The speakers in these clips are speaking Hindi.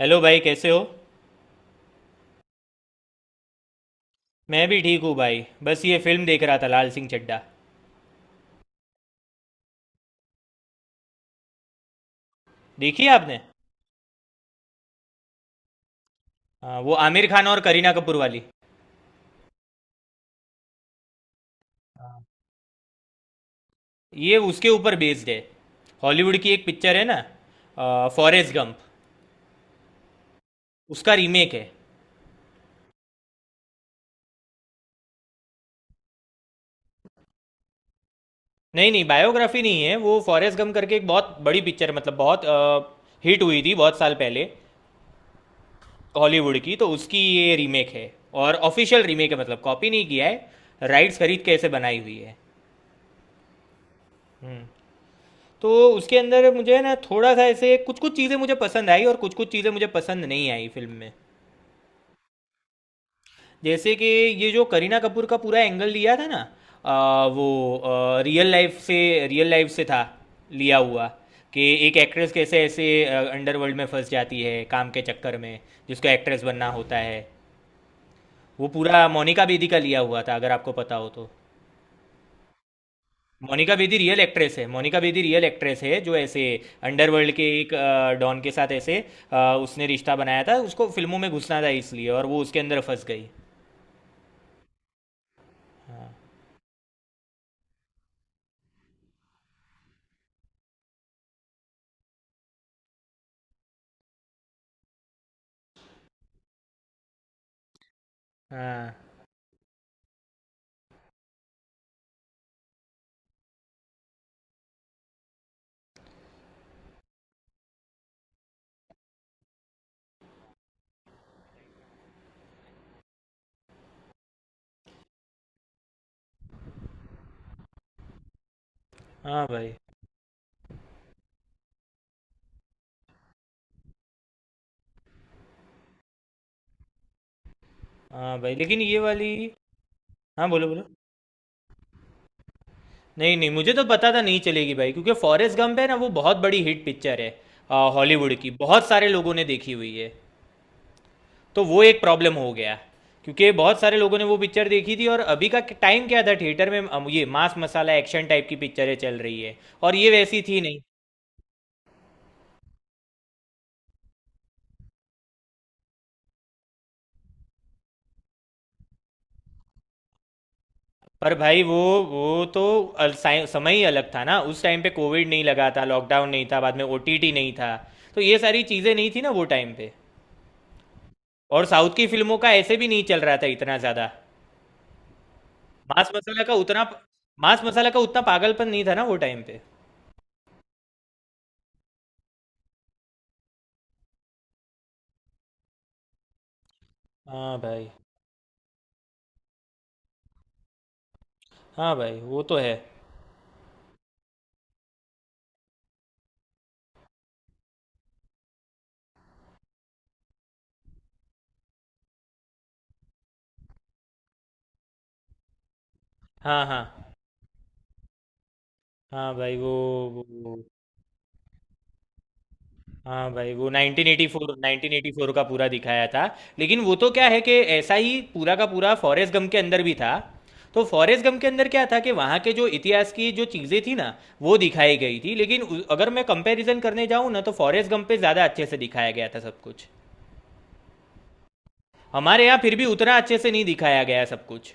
हेलो भाई कैसे हो। मैं भी ठीक हूँ भाई। बस ये फिल्म देख रहा था, लाल सिंह चड्ढा। देखी है आपने? हाँ, वो आमिर खान और करीना कपूर वाली। ये उसके ऊपर बेस्ड है। हॉलीवुड की एक पिक्चर है ना, फॉरेस्ट गंप। उसका रीमेक है। नहीं नहीं, बायोग्राफी नहीं है। वो फॉरेस्ट गंप करके एक बहुत बड़ी पिक्चर, मतलब बहुत हिट हुई थी बहुत साल पहले हॉलीवुड की, तो उसकी ये रीमेक है। और ऑफिशियल रीमेक है, मतलब कॉपी नहीं किया है, राइट्स खरीद के ऐसे बनाई हुई है। हम्म। तो उसके अंदर मुझे ना थोड़ा सा ऐसे कुछ कुछ चीज़ें मुझे पसंद आई और कुछ कुछ चीज़ें मुझे पसंद नहीं आई फिल्म में। जैसे कि ये जो करीना कपूर का पूरा एंगल लिया था ना, वो रियल लाइफ से था लिया हुआ। कि एक एक्ट्रेस कैसे ऐसे अंडरवर्ल्ड में फंस जाती है काम के चक्कर में, जिसको एक्ट्रेस बनना होता है। वो पूरा मोनिका बेदी का लिया हुआ था, अगर आपको पता हो तो। मोनिका बेदी रियल एक्ट्रेस है, मोनिका बेदी रियल एक्ट्रेस है जो ऐसे अंडरवर्ल्ड के एक डॉन के साथ ऐसे अ, उसने रिश्ता बनाया था, उसको फिल्मों में घुसना था इसलिए, और वो उसके अंदर फंस गई। हाँ। हाँ। हाँ भाई। हाँ भाई, लेकिन ये वाली। हाँ, बोलो बोलो। नहीं नहीं, मुझे तो पता था नहीं चलेगी भाई, क्योंकि फॉरेस्ट गंप है ना, वो बहुत बड़ी हिट पिक्चर है। हॉलीवुड की बहुत सारे लोगों ने देखी हुई है। तो वो एक प्रॉब्लम हो गया। क्योंकि बहुत सारे लोगों ने वो पिक्चर देखी थी, और अभी का टाइम क्या था थिएटर में, ये मांस मसाला एक्शन टाइप की पिक्चरें चल रही है, और ये वैसी थी नहीं। पर भाई वो, वो तो समय ही अलग था ना, उस टाइम पे कोविड नहीं लगा था, लॉकडाउन नहीं था, बाद में ओटीटी नहीं था। तो ये सारी चीज़ें नहीं थी ना वो टाइम पे। और साउथ की फिल्मों का ऐसे भी नहीं चल रहा था इतना ज़्यादा। मांस मसाला का उतना मांस मसाला का उतना पागलपन नहीं था ना वो टाइम पे। हाँ भाई। हाँ भाई, वो तो है। हाँ हाँ। हाँ भाई वो, वो वो- हाँ भाई, वो 1984, 1984 का पूरा दिखाया था। लेकिन वो तो क्या है कि ऐसा ही पूरा का पूरा फॉरेस्ट गम के अंदर भी था। तो फॉरेस्ट गम के अंदर क्या था कि वहाँ के जो इतिहास की जो चीज़ें थी ना, वो दिखाई गई थी। लेकिन अगर मैं कंपैरिजन करने जाऊँ ना, तो फॉरेस्ट गम पे ज़्यादा अच्छे से दिखाया गया था सब कुछ। हमारे यहाँ फिर भी उतना अच्छे से नहीं दिखाया गया सब कुछ।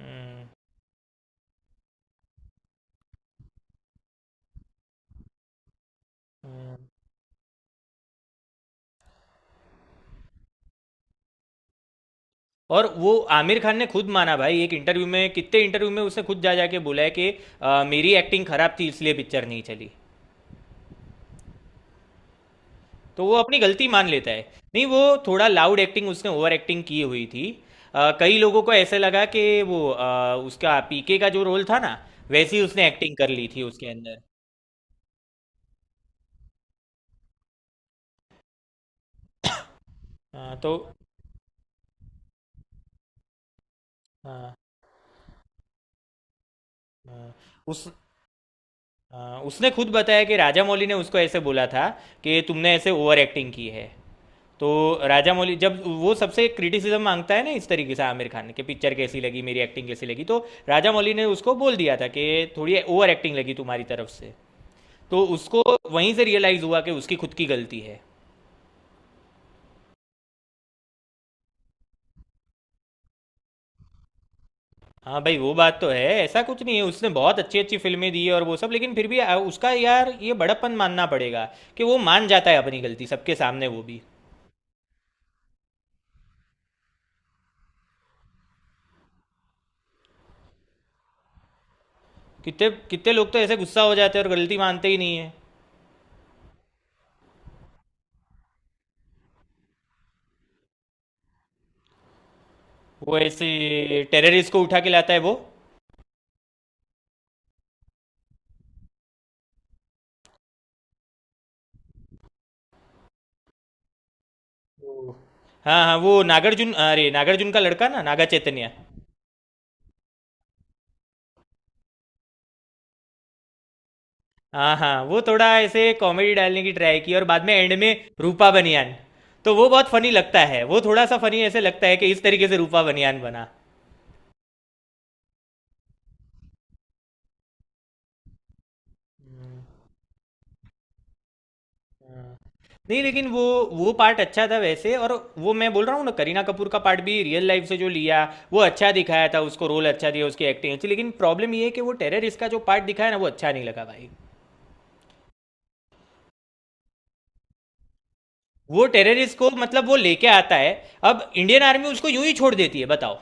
हम्म। हम्म। और वो आमिर खान ने खुद माना भाई, एक इंटरव्यू में, कितने इंटरव्यू में उसने खुद जा जाके बोला है कि मेरी एक्टिंग खराब थी इसलिए पिक्चर नहीं चली। तो वो अपनी गलती मान लेता है। नहीं वो, थोड़ा लाउड एक्टिंग, उसने ओवर एक्टिंग की हुई थी। कई लोगों को ऐसे लगा कि वो, उसका पीके का जो रोल था ना, वैसी उसने एक्टिंग कर ली थी उसके अंदर। हाँ तो। हाँ हाँ, उस, हाँ, उसने खुद बताया कि राजा मौली ने उसको ऐसे बोला था कि तुमने ऐसे ओवर एक्टिंग की है। तो राजा मौली जब वो सबसे क्रिटिसिज्म मांगता है ना इस तरीके से, आमिर खान कि पिक्चर कैसी लगी, मेरी एक्टिंग कैसी लगी, तो राजा मौली ने उसको बोल दिया था कि थोड़ी ओवर एक्टिंग लगी तुम्हारी तरफ से। तो उसको वहीं से रियलाइज़ हुआ कि उसकी खुद की गलती है। हाँ भाई, वो बात तो है, ऐसा कुछ नहीं है, उसने बहुत अच्छी अच्छी फिल्में दी है और वो सब। लेकिन फिर भी उसका, यार, ये बड़प्पन मानना पड़ेगा कि वो मान जाता है अपनी गलती सबके सामने, वो भी। कितने कितने लोग तो ऐसे गुस्सा हो जाते हैं और गलती मानते ही नहीं है। वो ऐसे टेररिस्ट को उठा के लाता है वो। वो- हाँ हाँ, वो नागार्जुन, अरे नागार्जुन का लड़का ना, नागा चैतन्य। हाँ हाँ, वो थोड़ा ऐसे कॉमेडी डालने की ट्राई की, और बाद में एंड में रूपा बनियान। तो वो बहुत फनी लगता है, वो थोड़ा सा फनी ऐसे लगता है कि इस तरीके से रूपा बनियान बना। हाँ, नहीं लेकिन वो पार्ट अच्छा था वैसे। और वो मैं बोल रहा हूँ ना, करीना कपूर का पार्ट भी रियल लाइफ से जो लिया, वो अच्छा दिखाया था उसको, रोल अच्छा दिया, उसकी एक्टिंग अच्छी। लेकिन प्रॉब्लम ये है कि वो टेररिस्ट का जो पार्ट दिखाया ना, वो अच्छा नहीं लगा भाई। वो टेररिस्ट को मतलब वो लेके आता है, अब इंडियन आर्मी उसको यूं ही छोड़ देती है, बताओ।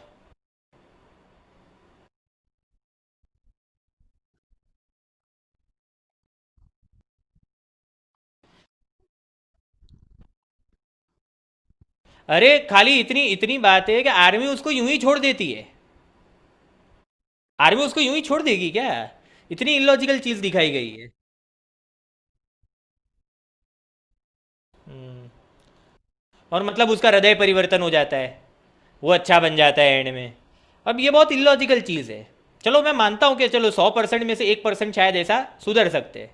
अरे खाली इतनी इतनी बात है कि आर्मी उसको यूं ही छोड़ देती है। आर्मी उसको यूं ही छोड़ देगी क्या? इतनी इलॉजिकल चीज दिखाई गई है। हम्म। और मतलब उसका हृदय परिवर्तन हो जाता है, वो अच्छा बन जाता है एंड में। अब ये बहुत इलॉजिकल चीज है। चलो, मैं मानता हूँ कि चलो, 100% में से 1% शायद ऐसा सुधर सकते हैं,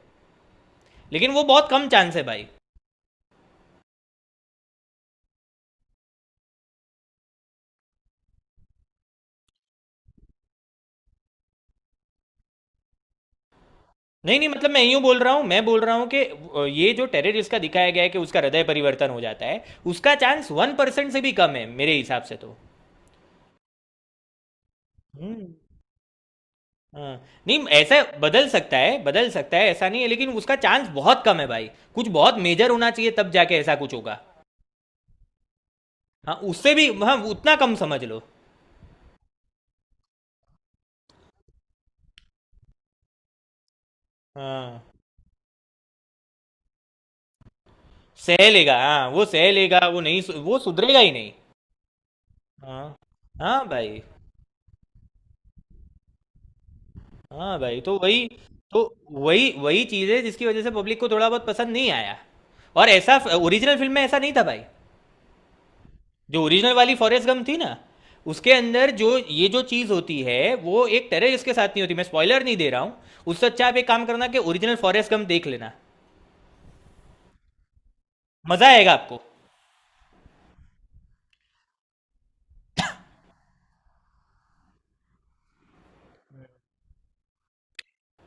लेकिन वो बहुत कम चांस है भाई। नहीं नहीं, मतलब मैं यूं बोल रहा हूं, मैं बोल रहा हूं कि ये जो टेररिस्ट का दिखाया गया है कि उसका हृदय परिवर्तन हो जाता है, उसका चांस 1% से भी कम है मेरे हिसाब से तो। हम्म। हाँ। नहीं, ऐसा बदल सकता है, बदल सकता है, ऐसा नहीं है, लेकिन उसका चांस बहुत कम है भाई। कुछ बहुत मेजर होना चाहिए तब जाके ऐसा कुछ होगा। हाँ, उससे भी, हाँ, उतना कम समझ लो। हाँ, सह लेगा, हाँ वो सह लेगा, वो नहीं वो सुधरेगा ही नहीं। हाँ। हाँ भाई। हाँ भाई तो वही। तो वही वही चीज़ है जिसकी वजह से पब्लिक को थोड़ा बहुत पसंद नहीं आया। और ऐसा ओरिजिनल फिल्म में ऐसा नहीं था भाई। जो ओरिजिनल वाली फॉरेस्ट गम थी ना, उसके अंदर जो ये जो चीज़ होती है, वो एक टेररिस्ट के साथ नहीं होती, मैं स्पॉइलर नहीं दे रहा हूँ। उससे अच्छा आप एक काम करना कि ओरिजिनल फॉरेस्ट गम देख लेना। मज़ा आएगा आपको।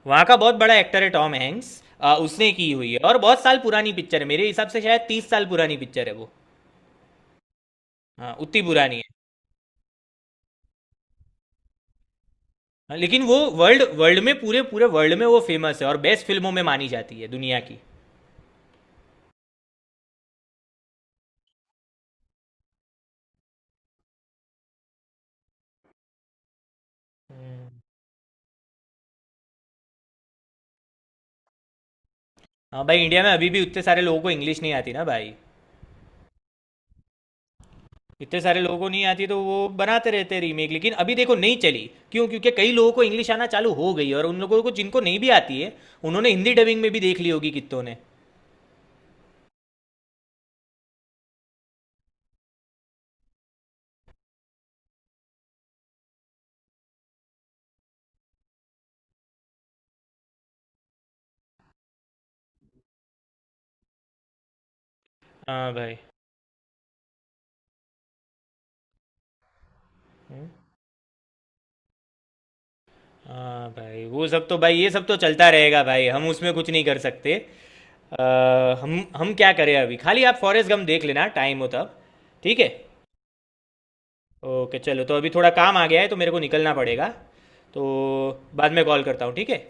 वहाँ का बहुत बड़ा एक्टर है टॉम हैंक्स, उसने की हुई है। और बहुत साल पुरानी पिक्चर है मेरे हिसाब से, शायद 30 साल पुरानी पिक्चर है वो। हाँ, उतनी पुरानी है। हाँ, लेकिन वो वर्ल्ड वर्ल्ड में, पूरे पूरे वर्ल्ड में वो फेमस है, और बेस्ट फिल्मों में मानी जाती है दुनिया की। हाँ भाई, इंडिया में अभी भी उतने सारे लोगों को इंग्लिश नहीं आती ना भाई। इतने सारे लोगों को नहीं आती, तो वो बनाते रहते हैं रीमेक, लेकिन अभी देखो नहीं चली। क्यों? क्योंकि कई लोगों को इंग्लिश आना चालू हो गई है, और उन लोगों को जिनको नहीं भी आती है, उन्होंने हिंदी डबिंग में भी देख ली होगी कितनों ने। हाँ भाई। हम्म। हाँ भाई, वो सब तो भाई, ये सब तो चलता रहेगा भाई, हम उसमें कुछ नहीं कर सकते। अ, हम क्या करें, अभी खाली आप फॉरेस्ट गम देख लेना टाइम हो तब, ठीक है। ओके चलो, तो अभी थोड़ा काम आ गया है तो मेरे को निकलना पड़ेगा, तो बाद में कॉल करता हूँ, ठीक है।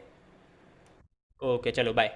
ओके चलो, बाय।